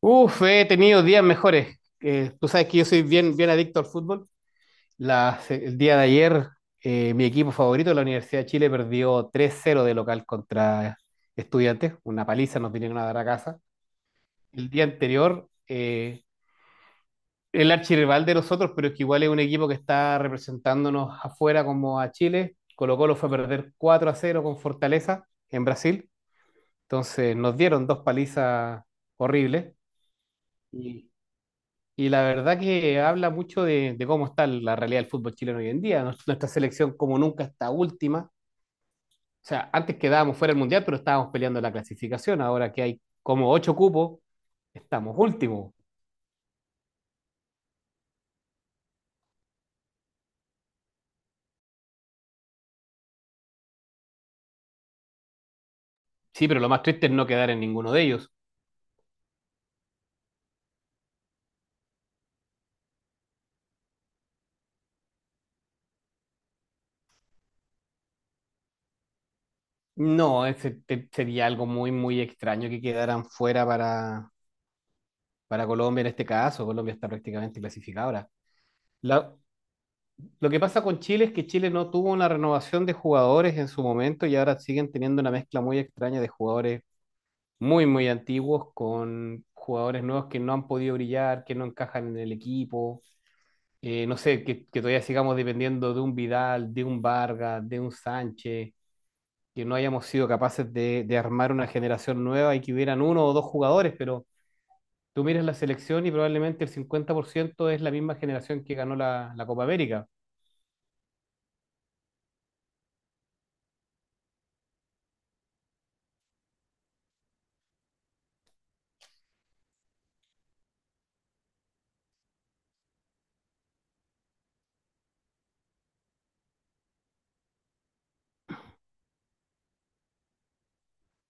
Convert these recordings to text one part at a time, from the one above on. Uf, he tenido días mejores. Tú sabes que yo soy bien, bien adicto al fútbol. El día de ayer, mi equipo favorito, la Universidad de Chile, perdió 3-0 de local contra Estudiantes. Una paliza nos vinieron a dar a casa. El día anterior, el archirrival de nosotros, pero es que igual es un equipo que está representándonos afuera como a Chile. Colo-Colo fue a perder 4-0 con Fortaleza en Brasil. Entonces nos dieron dos palizas horribles. Y la verdad que habla mucho de cómo está la realidad del fútbol chileno hoy en día. Nuestra selección como nunca está última. O sea, antes quedábamos fuera del Mundial, pero estábamos peleando la clasificación. Ahora que hay como ocho cupos, estamos últimos. Sí, pero lo más triste es no quedar en ninguno de ellos. No, sería algo muy, muy extraño que quedaran fuera para Colombia en este caso. Colombia está prácticamente clasificada ahora. La, Lo que pasa con Chile es que Chile no tuvo una renovación de jugadores en su momento y ahora siguen teniendo una mezcla muy extraña de jugadores muy, muy antiguos con jugadores nuevos que no han podido brillar, que no encajan en el equipo. No sé, que todavía sigamos dependiendo de un Vidal, de un Vargas, de un Sánchez, que no hayamos sido capaces de armar una generación nueva y que hubieran uno o dos jugadores, pero tú miras la selección y probablemente el 50% es la misma generación que ganó la Copa América.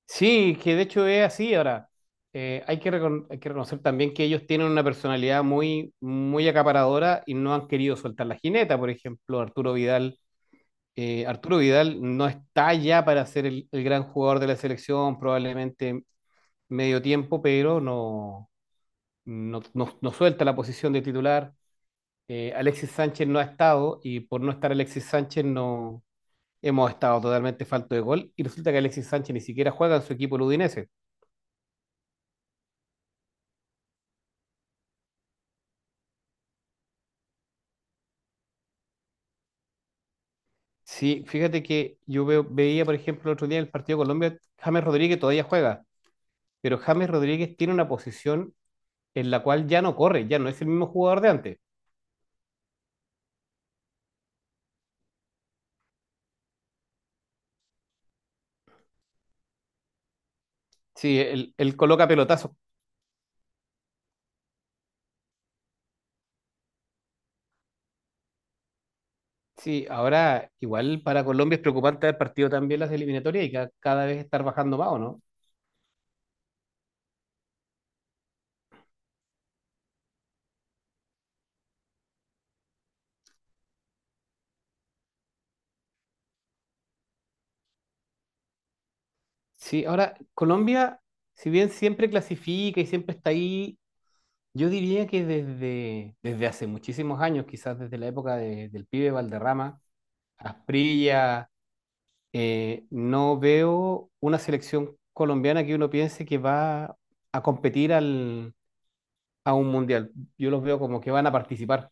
Sí, que de hecho es así. Ahora, hay que reconocer también que ellos tienen una personalidad muy, muy acaparadora y no han querido soltar la jineta. Por ejemplo, Arturo Vidal, Arturo Vidal no está ya para ser el gran jugador de la selección, probablemente medio tiempo, pero no suelta la posición de titular. Alexis Sánchez no ha estado y por no estar Alexis Sánchez no hemos estado totalmente falto de gol y resulta que Alexis Sánchez ni siquiera juega en su equipo el Udinese. Sí, fíjate que yo veía, por ejemplo, el otro día en el partido de Colombia, James Rodríguez todavía juega, pero James Rodríguez tiene una posición en la cual ya no corre, ya no es el mismo jugador de antes. Sí, él coloca pelotazos. Sí, ahora igual para Colombia es preocupante haber partido también las eliminatorias y cada vez estar bajando más, ¿o no? Sí, ahora Colombia, si bien siempre clasifica y siempre está ahí, yo diría que desde hace muchísimos años, quizás desde la época del pibe Valderrama, Asprilla. No veo una selección colombiana que uno piense que va a competir a un mundial. Yo los veo como que van a participar.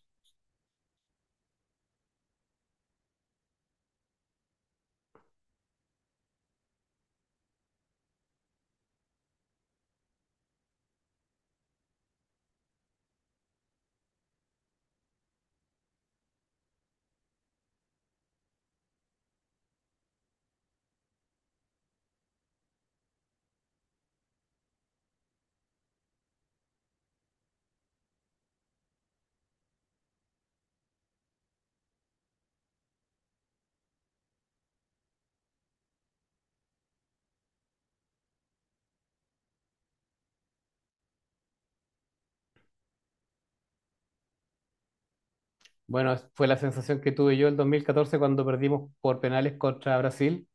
Bueno, fue la sensación que tuve yo el 2014 cuando perdimos por penales contra Brasil,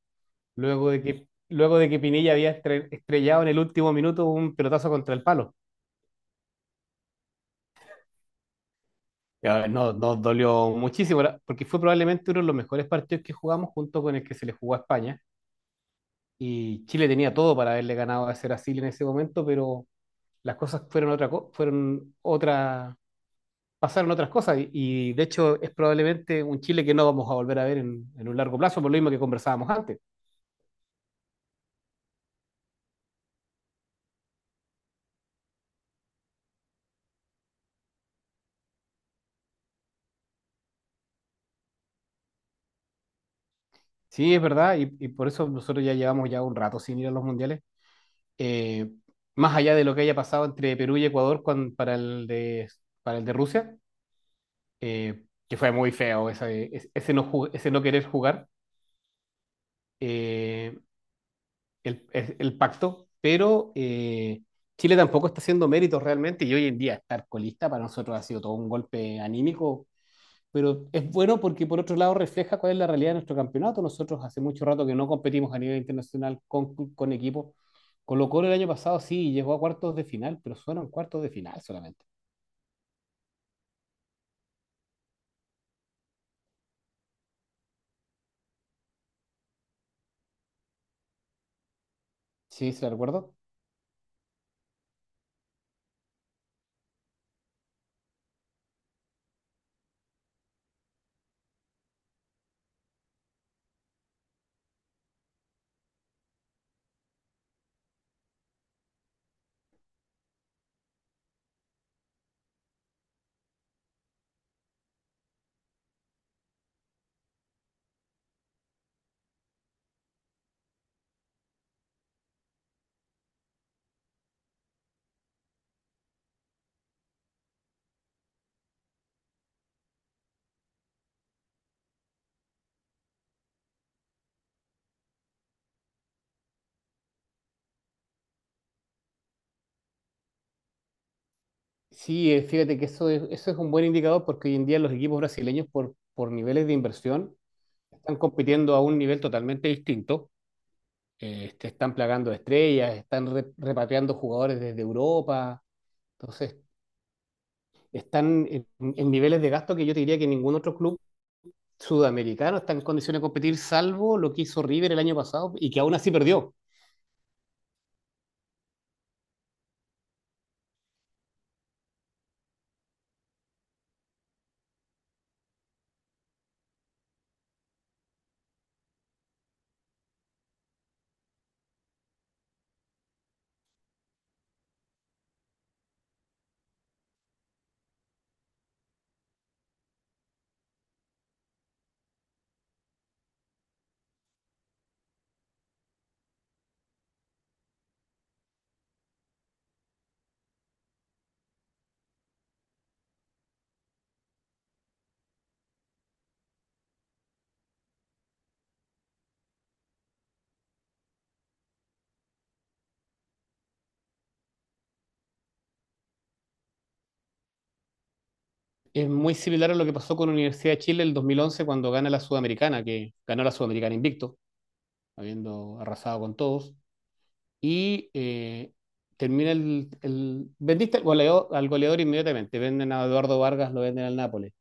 luego de que Pinilla había estrellado en el último minuto un pelotazo contra el palo. Y, no, nos dolió muchísimo, porque fue probablemente uno de los mejores partidos que jugamos junto con el que se le jugó a España. Y Chile tenía todo para haberle ganado a ese Brasil en ese momento, pero las cosas fueron otra, pasaron otras cosas y, de hecho es probablemente un Chile que no vamos a volver a ver en, un largo plazo, por lo mismo que conversábamos antes. Sí, es verdad, y por eso nosotros ya llevamos ya un rato sin ir a los mundiales. Eh, Más allá de lo que haya pasado entre Perú y Ecuador para el de Rusia, que fue muy feo ese no querer jugar. Eh, el pacto, pero Chile tampoco está haciendo méritos realmente y hoy en día estar colista para nosotros ha sido todo un golpe anímico, pero es bueno porque por otro lado refleja cuál es la realidad de nuestro campeonato. Nosotros hace mucho rato que no competimos a nivel internacional con, equipos. Colo-Colo el año pasado sí llegó a cuartos de final, pero fueron cuartos de final solamente. Sí, se lo recuerdo. Sí, fíjate que eso es un buen indicador porque hoy en día los equipos brasileños por niveles de inversión están compitiendo a un nivel totalmente distinto. Te están plagando de estrellas, están repatriando jugadores desde Europa. Entonces, están en niveles de gasto que yo te diría que ningún otro club sudamericano está en condiciones de competir, salvo lo que hizo River el año pasado y que aún así perdió. Es muy similar a lo que pasó con Universidad de Chile el 2011 cuando gana la Sudamericana, que ganó la Sudamericana invicto, habiendo arrasado con todos. Y vendiste al goleador inmediatamente. Venden a Eduardo Vargas, lo venden al Nápoles.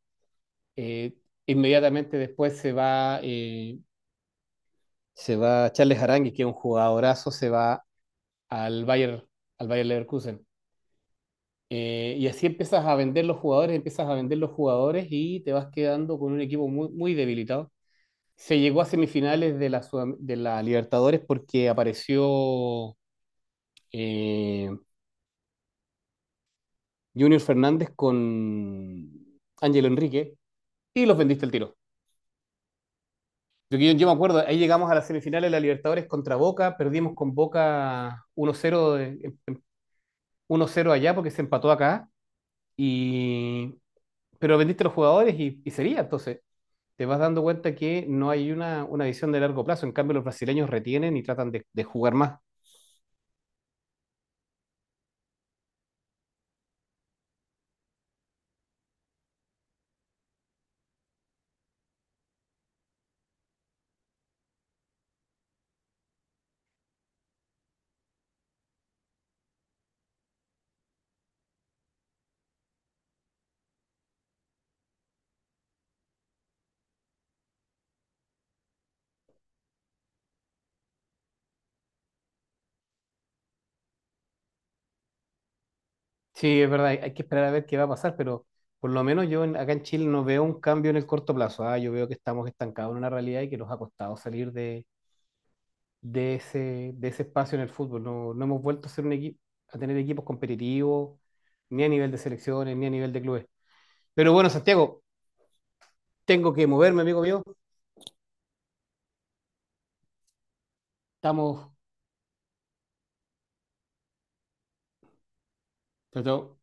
Eh, Inmediatamente después se va, Charles Aránguiz, que es un jugadorazo, se va al Bayern, al Bayern Leverkusen. Y así empiezas a vender los jugadores, empiezas a vender los jugadores y te vas quedando con un equipo muy, muy debilitado. Se llegó a semifinales de la Libertadores porque apareció eh, Junior Fernández con Ángel Enrique y los vendiste el tiro. Yo me acuerdo, ahí llegamos a las semifinales de la Libertadores contra Boca, perdimos con Boca 1-0 1-0 allá porque se empató acá, y, pero vendiste a los jugadores y sería, entonces te vas dando cuenta que no hay una visión de largo plazo, en cambio los brasileños retienen y tratan de jugar más. Sí, es verdad, hay que esperar a ver qué va a pasar, pero por lo menos yo acá en Chile no veo un cambio en el corto plazo, yo veo que estamos estancados en una realidad y que nos ha costado salir de de ese espacio en el fútbol. No, no hemos vuelto a ser un equipo, a tener equipos competitivos, ni a nivel de selecciones, ni a nivel de clubes. Pero bueno, Santiago, tengo que moverme, amigo mío. Estamos. Chao, chao.